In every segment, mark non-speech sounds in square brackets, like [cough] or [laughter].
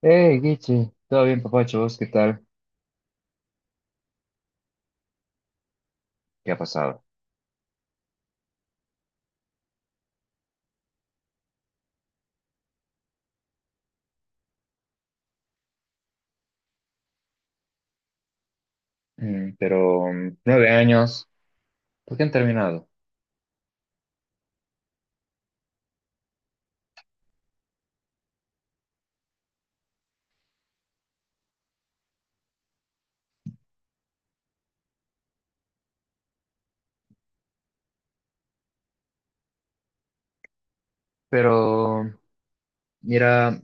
Hey, Guiche, ¿todo bien, papacho? ¿Vos qué tal? ¿Qué ha pasado? Pero 9 años, ¿por qué han terminado? Pero, mira,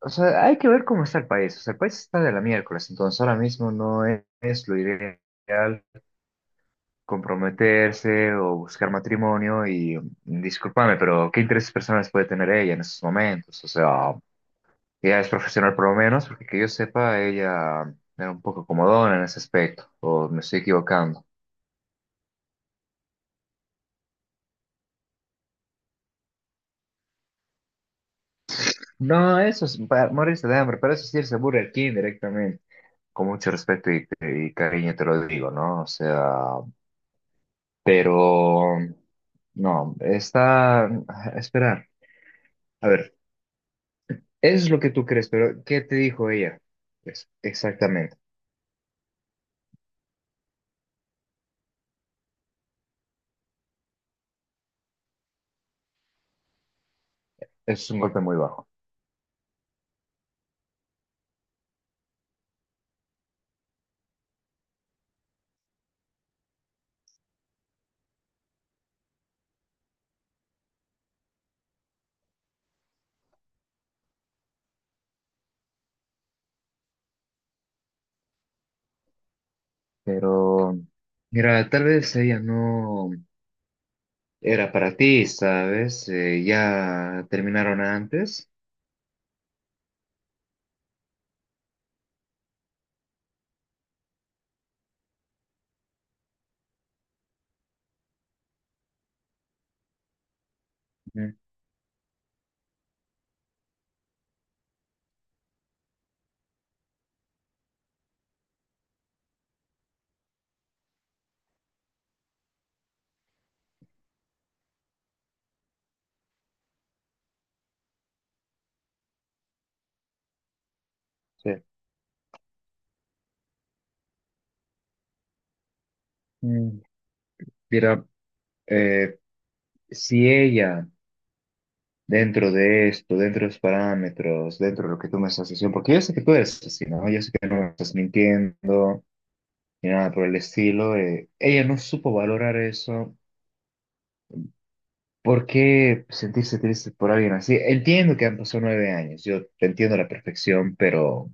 o sea, hay que ver cómo está el país. O sea, el país está de la miércoles, entonces ahora mismo no es lo ideal comprometerse o buscar matrimonio. Y discúlpame, pero ¿qué intereses personales puede tener ella en esos momentos? O sea, ella es profesional por lo menos, porque que yo sepa, ella era un poco comodona en ese aspecto, o me estoy equivocando. No, eso es para morirse de hambre, para eso sí es irse a Burger King directamente. Con mucho respeto y cariño te lo digo, ¿no? O sea, pero no, está a esperar. A ver, eso es lo que tú crees, pero ¿qué te dijo ella? Pues, exactamente. Eso es un golpe muy bajo. Pero, mira, tal vez ella no era para ti, ¿sabes? Ya terminaron antes. Ujú. Sí. Mm, Mira, eh, si ella dentro de esto, dentro de los parámetros, dentro de lo que tú me estás diciendo, porque yo sé que tú eres así, ¿no? Yo sé que no me estás mintiendo ni nada por el estilo. Ella no supo valorar eso. ¿Por qué sentirse triste por alguien así? Entiendo que han pasado 9 años, yo te entiendo a la perfección, pero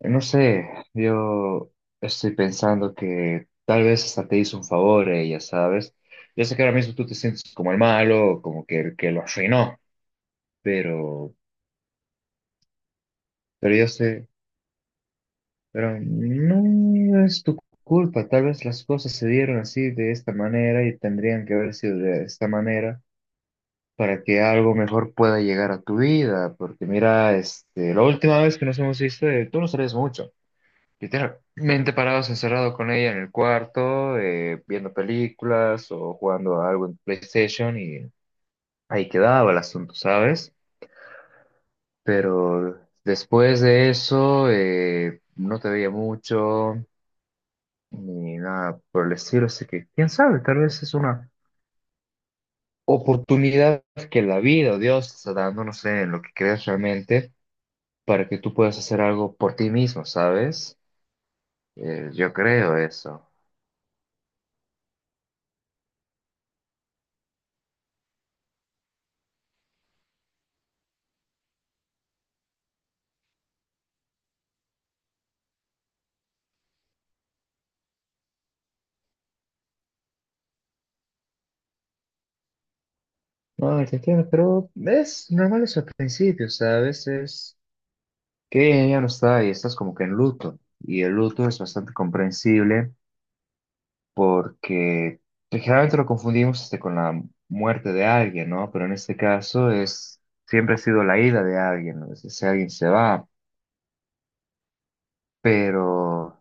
no sé, yo estoy pensando que tal vez hasta te hizo un favor ella, ¿sabes? Yo sé que ahora mismo tú te sientes como el malo, como que el que lo arruinó, pero, pero yo sé. Pero no es tu culpa, tal vez las cosas se dieron así de esta manera y tendrían que haber sido de esta manera para que algo mejor pueda llegar a tu vida, porque mira, este, la última vez que nos hemos visto, tú no sabes mucho, literalmente parados encerrado con ella en el cuarto, viendo películas o jugando a algo en PlayStation y ahí quedaba el asunto, ¿sabes? Pero después de eso, no te veía mucho. Ni nada por el estilo. Así que, quién sabe, tal vez es una oportunidad que la vida o Dios te está dando, no sé, en lo que crees realmente, para que tú puedas hacer algo por ti mismo, ¿sabes? Yo creo eso. No, te entiendo, pero es normal eso al principio, ¿sabes? Es que ella ya no está y estás como que en luto. Y el luto es bastante comprensible porque pues, generalmente lo confundimos este, con la muerte de alguien, ¿no? Pero en este caso es, siempre ha sido la ida de alguien, ¿no? Ese alguien se va, pero,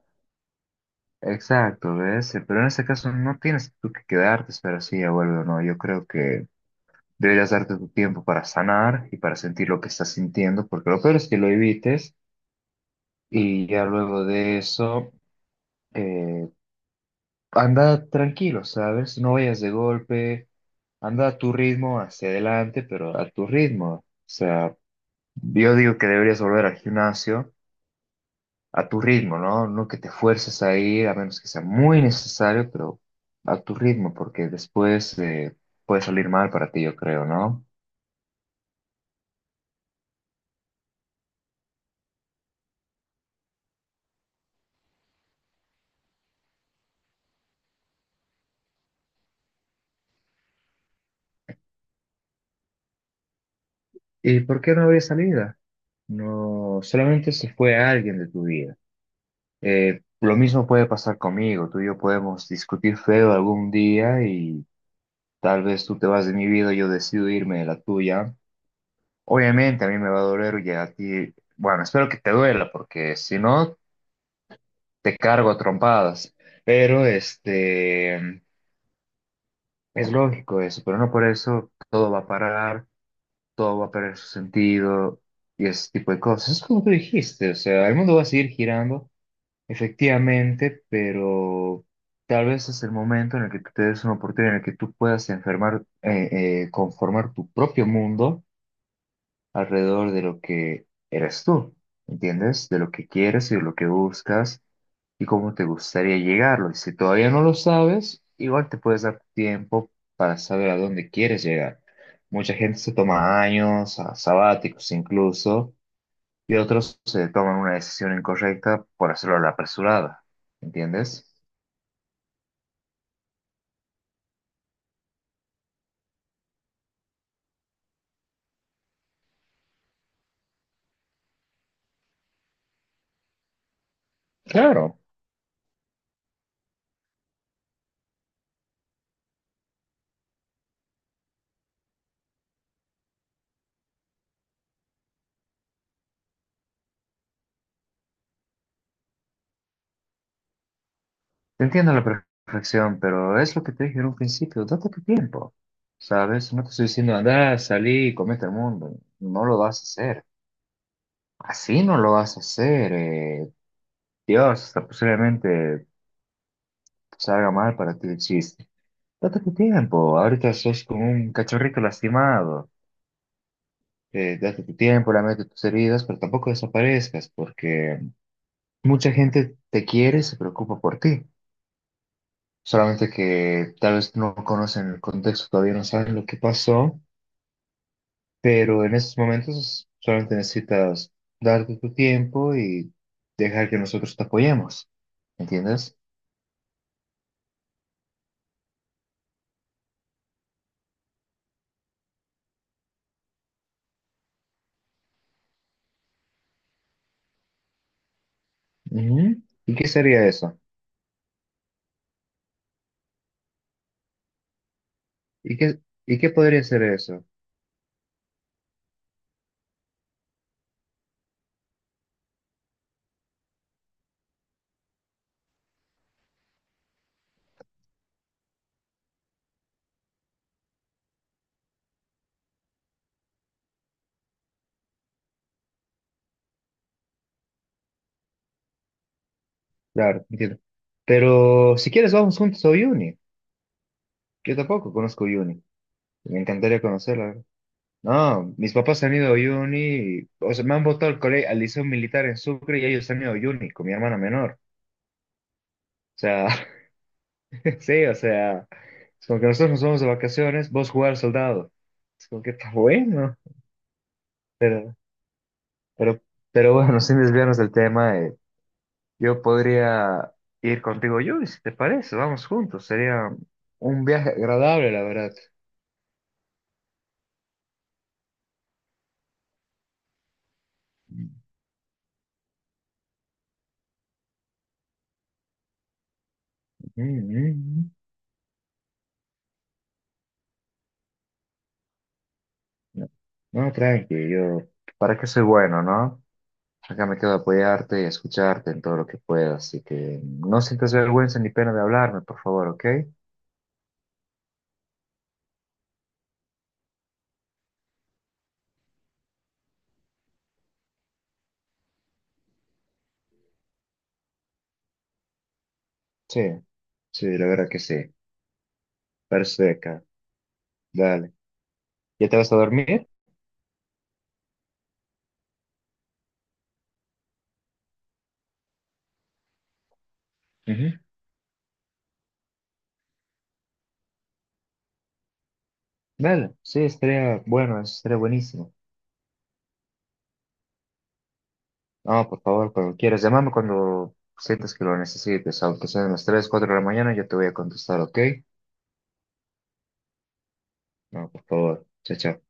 exacto, ¿ves? Pero en este caso no tienes tú que quedarte, espera si ella vuelve o no. Yo creo que deberías darte tu tiempo para sanar y para sentir lo que estás sintiendo, porque lo peor es que lo evites y ya luego de eso, eh, anda tranquilo, ¿sabes? No vayas de golpe. Anda a tu ritmo, hacia adelante, pero a tu ritmo. O sea, yo digo que deberías volver al gimnasio a tu ritmo, ¿no? No que te fuerces a ir, a menos que sea muy necesario, pero a tu ritmo, porque después puede salir mal para ti, yo creo, ¿no? ¿Y por qué no habría salida? No, solamente se fue alguien de tu vida. Lo mismo puede pasar conmigo. Tú y yo podemos discutir feo algún día y tal vez tú te vas de mi vida, yo decido irme de la tuya. Obviamente a mí me va a doler y a ti, bueno, espero que te duela porque si no, te cargo a trompadas. Pero este, es lógico eso, pero no por eso todo va a parar, todo va a perder su sentido y ese tipo de cosas. Es como tú dijiste, o sea, el mundo va a seguir girando, efectivamente, pero tal vez es el momento en el que tú te des una oportunidad en el que tú puedas enfermar, conformar tu propio mundo alrededor de lo que eres tú, ¿entiendes? De lo que quieres y de lo que buscas y cómo te gustaría llegarlo. Y si todavía no lo sabes, igual te puedes dar tiempo para saber a dónde quieres llegar. Mucha gente se toma años, sabáticos incluso, y otros se toman una decisión incorrecta por hacerlo a la apresurada, ¿entiendes? Claro. Te entiendo a la perfección, pero es lo que te dije en un principio, date tu tiempo, ¿sabes? No te estoy diciendo, anda, salí y comete el mundo, no lo vas a hacer, así no lo vas a hacer, Dios, hasta posiblemente salga mal para ti el chiste. Date tu tiempo, ahorita sos como un cachorrito lastimado, date tu tiempo, lamete tus heridas, pero tampoco desaparezcas, porque mucha gente te quiere y se preocupa por ti. Solamente que tal vez no conocen el contexto, todavía no saben lo que pasó. Pero en estos momentos solamente necesitas darte tu tiempo y dejar que nosotros te apoyemos. ¿Entiendes? Ujú. ¿Y qué sería eso? ¿Y qué podría ser eso? Claro, entiendo. Pero si quieres, vamos juntos a Uyuni. Yo tampoco conozco Uyuni. Me encantaría conocerla. No, mis papás han ido a Uyuni. O sea, me han votado al colegio, al liceo militar en Sucre y ellos han ido a Uyuni con mi hermana menor. O sea, [laughs] sí, o sea, es como que nosotros nos vamos de vacaciones, vos jugar al soldado. Es como que está bueno, pero, pero, pero bueno, sin desviarnos del tema, yo podría ir contigo, yo, si te parece, vamos juntos, sería un viaje agradable, la verdad. Mm, No, no, tranqui, yo, para qué soy bueno, ¿no? Acá me quedo a apoyarte y a escucharte en todo lo que pueda, así que no sientas vergüenza ni pena de hablarme, por favor, ¿ok? Sí, sí, la verdad que sí, perfecto. Dale. ¿Ya te vas a dormir? Ujú. Dale. Sí, estaría bueno, eso estaría buenísimo. No, por favor, cuando quieras, llámame cuando sientas que lo necesites, aunque sean las 3 4 de la mañana, yo te voy a contestar, ¿ok? No, por favor. Chao, chao.